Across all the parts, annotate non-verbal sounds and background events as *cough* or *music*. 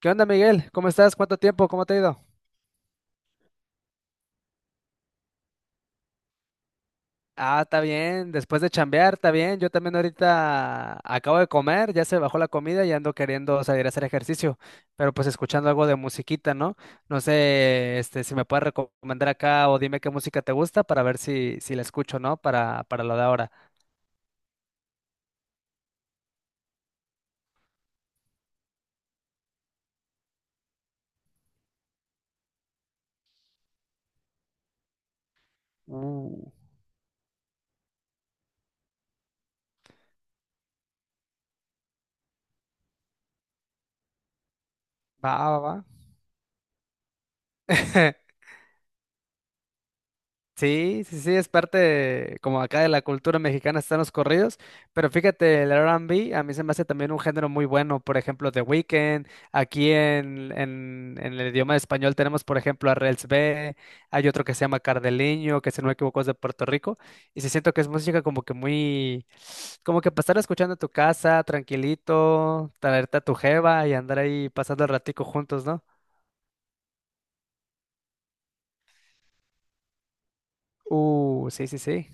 ¿Qué onda, Miguel? ¿Cómo estás? ¿Cuánto tiempo? ¿Cómo te ha ido? Ah, está bien. Después de chambear, está bien. Yo también ahorita acabo de comer, ya se bajó la comida y ando queriendo salir a hacer ejercicio, pero pues escuchando algo de musiquita, ¿no? No sé, este, si me puedes recomendar acá o dime qué música te gusta para ver si la escucho, ¿no? Para lo de ahora. Uh, va, va, va. *laughs* Sí, sí, sí, es parte de- como acá de la cultura mexicana están los corridos, pero fíjate, el R&B a mí se me hace también un género muy bueno, por ejemplo, The Weeknd, aquí en el idioma español tenemos, por ejemplo, a Rels B, hay otro que se llama Cardeliño, que si no me equivoco es de Puerto Rico, y sí siento que es música como que muy, como que pasar escuchando en tu casa, tranquilito, traerte a tu jeva y andar ahí pasando el ratico juntos, ¿no? Sí, sí, sí.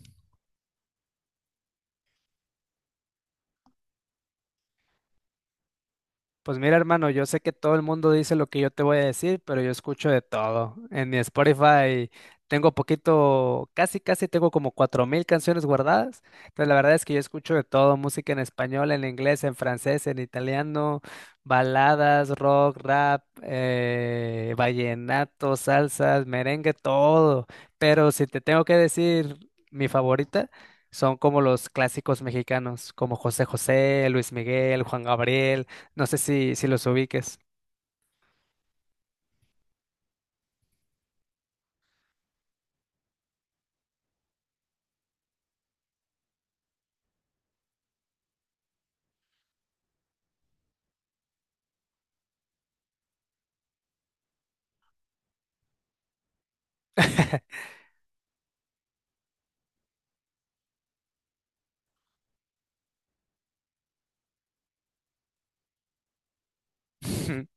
Pues mira, hermano, yo sé que todo el mundo dice lo que yo te voy a decir, pero yo escucho de todo. En mi Spotify tengo poquito, casi, casi tengo como 4000 canciones guardadas. Entonces, la verdad es que yo escucho de todo, música en español, en inglés, en francés, en italiano, baladas, rock, rap, vallenato, salsas, merengue, todo. Pero si te tengo que decir mi favorita, son como los clásicos mexicanos, como José José, Luis Miguel, Juan Gabriel. No sé si los ubiques. *laughs*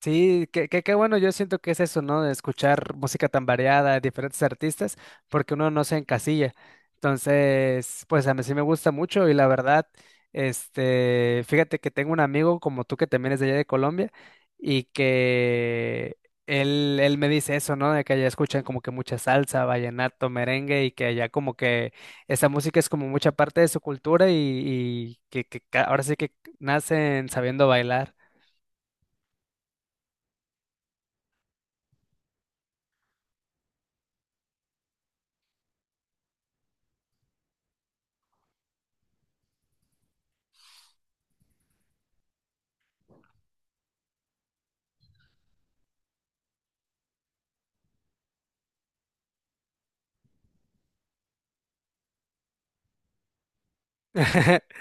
Sí, qué bueno, yo siento que es eso, ¿no? De escuchar música tan variada de diferentes artistas, porque uno no se encasilla. Entonces, pues a mí sí me gusta mucho y la verdad, este, fíjate que tengo un amigo como tú que también es de allá de Colombia y que él me dice eso, ¿no? De que allá escuchan como que mucha salsa, vallenato, merengue y que allá como que esa música es como mucha parte de su cultura y que ca- ahora sí que nacen sabiendo bailar. *laughs*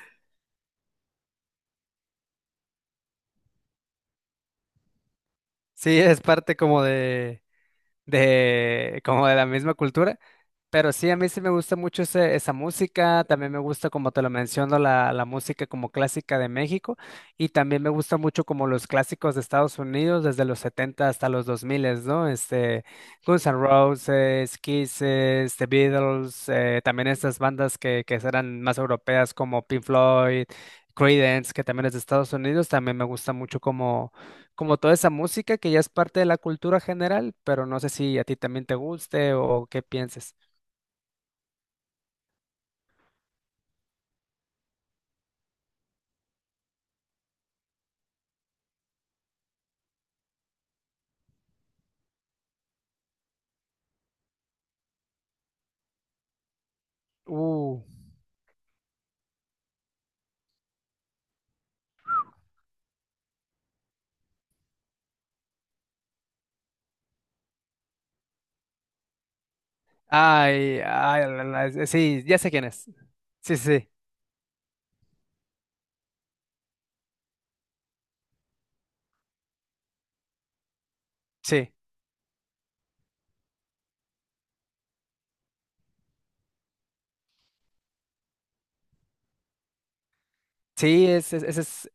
Sí, es parte como de, como de la misma cultura. Pero sí, a mí sí me gusta mucho ese- esa música, también me gusta, como te lo menciono, la música como clásica de México y también me gusta mucho como los clásicos de Estados Unidos, desde los 70 hasta los 2000, ¿no? Este, Guns N' Roses, Kisses, The Beatles, también estas bandas que eran más europeas como Pink Floyd, Creedence, que también es de Estados Unidos, también me gusta mucho como, como toda esa música que ya es parte de la cultura general, pero no sé si a ti también te guste o qué pienses. Uh, ay, ay, sí, ya sé quién es. Sí, sí, sí. Sí, sí,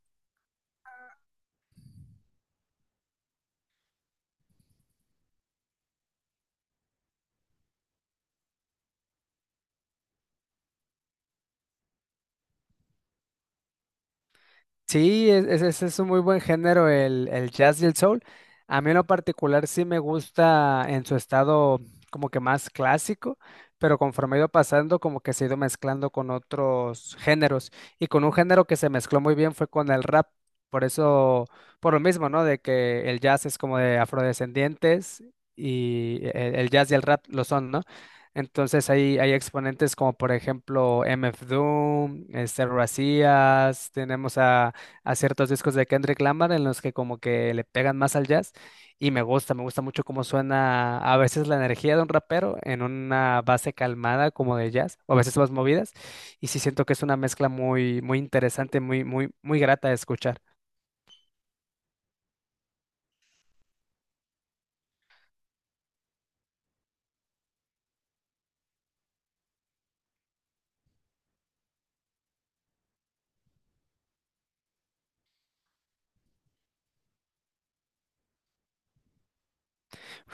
Sí, es- ese es un muy buen género, el jazz y el soul. A mí en lo particular sí me gusta en su estado como que más clásico, pero conforme ha ido pasando como que se ha ido mezclando con otros géneros. Y con un género que se mezcló muy bien fue con el rap. Por eso, por lo mismo, ¿no? De que el jazz es como de afrodescendientes y el jazz y el rap lo son, ¿no? Entonces hay exponentes como por ejemplo MF Doom, este Razías, tenemos a ciertos discos de Kendrick Lamar en los que como que le pegan más al jazz y me gusta mucho cómo suena a veces la energía de un rapero en una base calmada como de jazz o a veces más movidas y sí siento que es una mezcla muy muy interesante, muy muy muy grata de escuchar.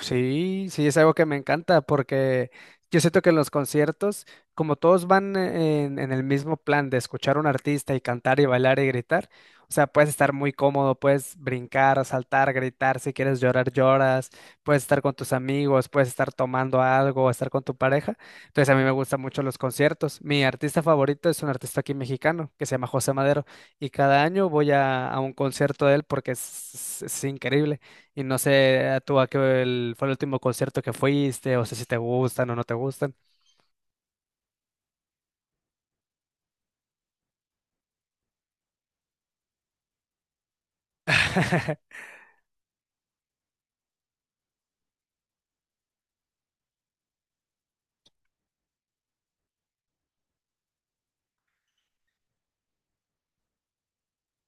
Sí, sí, es algo que me encanta porque yo siento que en los conciertos, como todos van en el mismo plan de escuchar a un artista y cantar y bailar y gritar, o sea, puedes estar muy cómodo, puedes brincar, saltar, gritar, si quieres llorar, lloras, puedes estar con tus amigos, puedes estar tomando algo, estar con tu pareja. Entonces a mí me gustan mucho los conciertos. Mi artista favorito es un artista aquí mexicano que se llama José Madero y cada año voy a un concierto de él porque es es increíble. Y no sé tú a qué fue el último concierto que fuiste, o sé si te gustan o no te gustan.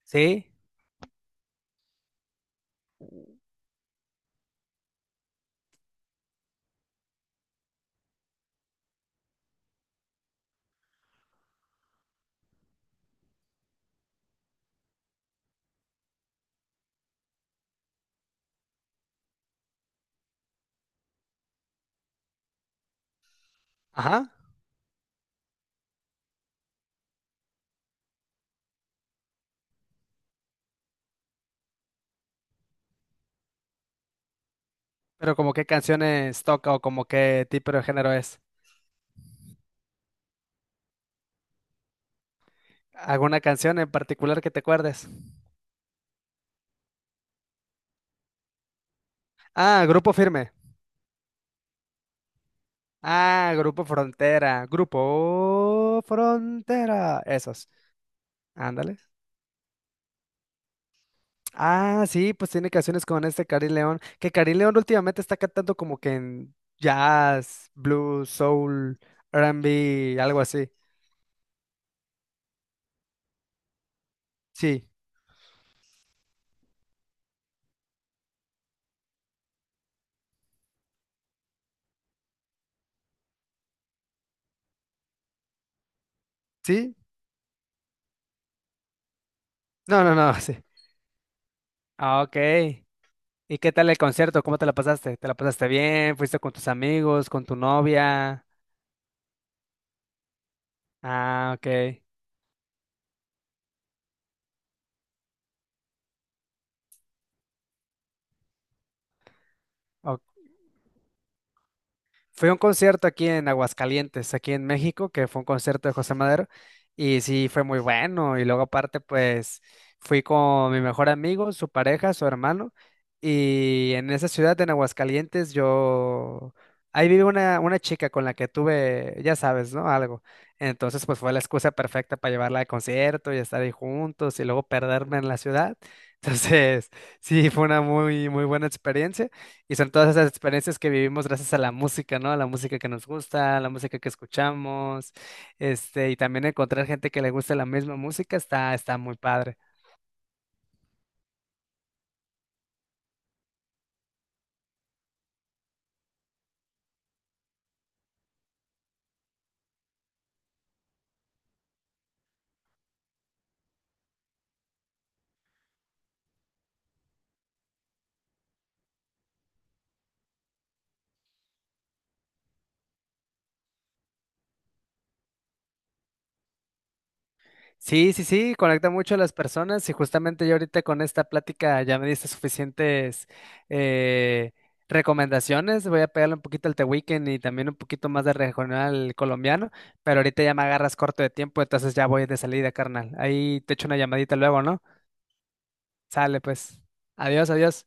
Sí, ajá. Pero como qué canciones toca o como qué tipo de género es. ¿Alguna canción en particular que te acuerdes? Ah, Grupo Firme. Ah, Grupo Frontera. Grupo Frontera. Esos. Ándale. Ah, sí, pues tiene canciones con este Cari León. Que Cari León últimamente está cantando como que en jazz, blues, soul, R&B, algo así. Sí. Sí, no, no, no, *laughs* sí. Ah, ok. ¿Y qué tal el concierto? ¿Cómo te la pasaste? ¿Te la pasaste bien? ¿Fuiste con tus amigos, con tu novia? Ah, ok. Ok. Fui a un concierto aquí en Aguascalientes, aquí en México, que fue un concierto de José Madero, y sí, fue muy bueno. Y luego aparte, pues fui con mi mejor amigo, su pareja, su hermano, y en esa ciudad, en Aguascalientes, yo... Ahí vive una chica con la que tuve, ya sabes, ¿no? Algo. Entonces, pues fue la excusa perfecta para llevarla al concierto y estar ahí juntos y luego perderme en la ciudad. *laughs* Entonces, sí, fue una muy, muy buena experiencia. Y son todas esas experiencias que vivimos gracias a la música, ¿no? A la música que nos gusta, a la música que escuchamos, este, y también encontrar gente que le guste la misma música está, está muy padre. Sí, sí, sí, conecta mucho a las personas y justamente yo ahorita con esta plática ya me diste suficientes eh, recomendaciones. Voy a pegarle un poquito al The Weeknd y también un poquito más de regional colombiano, pero ahorita ya me agarras corto de tiempo, entonces ya voy de salida, carnal. Ahí te echo una llamadita luego, ¿no? Sale, pues. Adiós, adiós.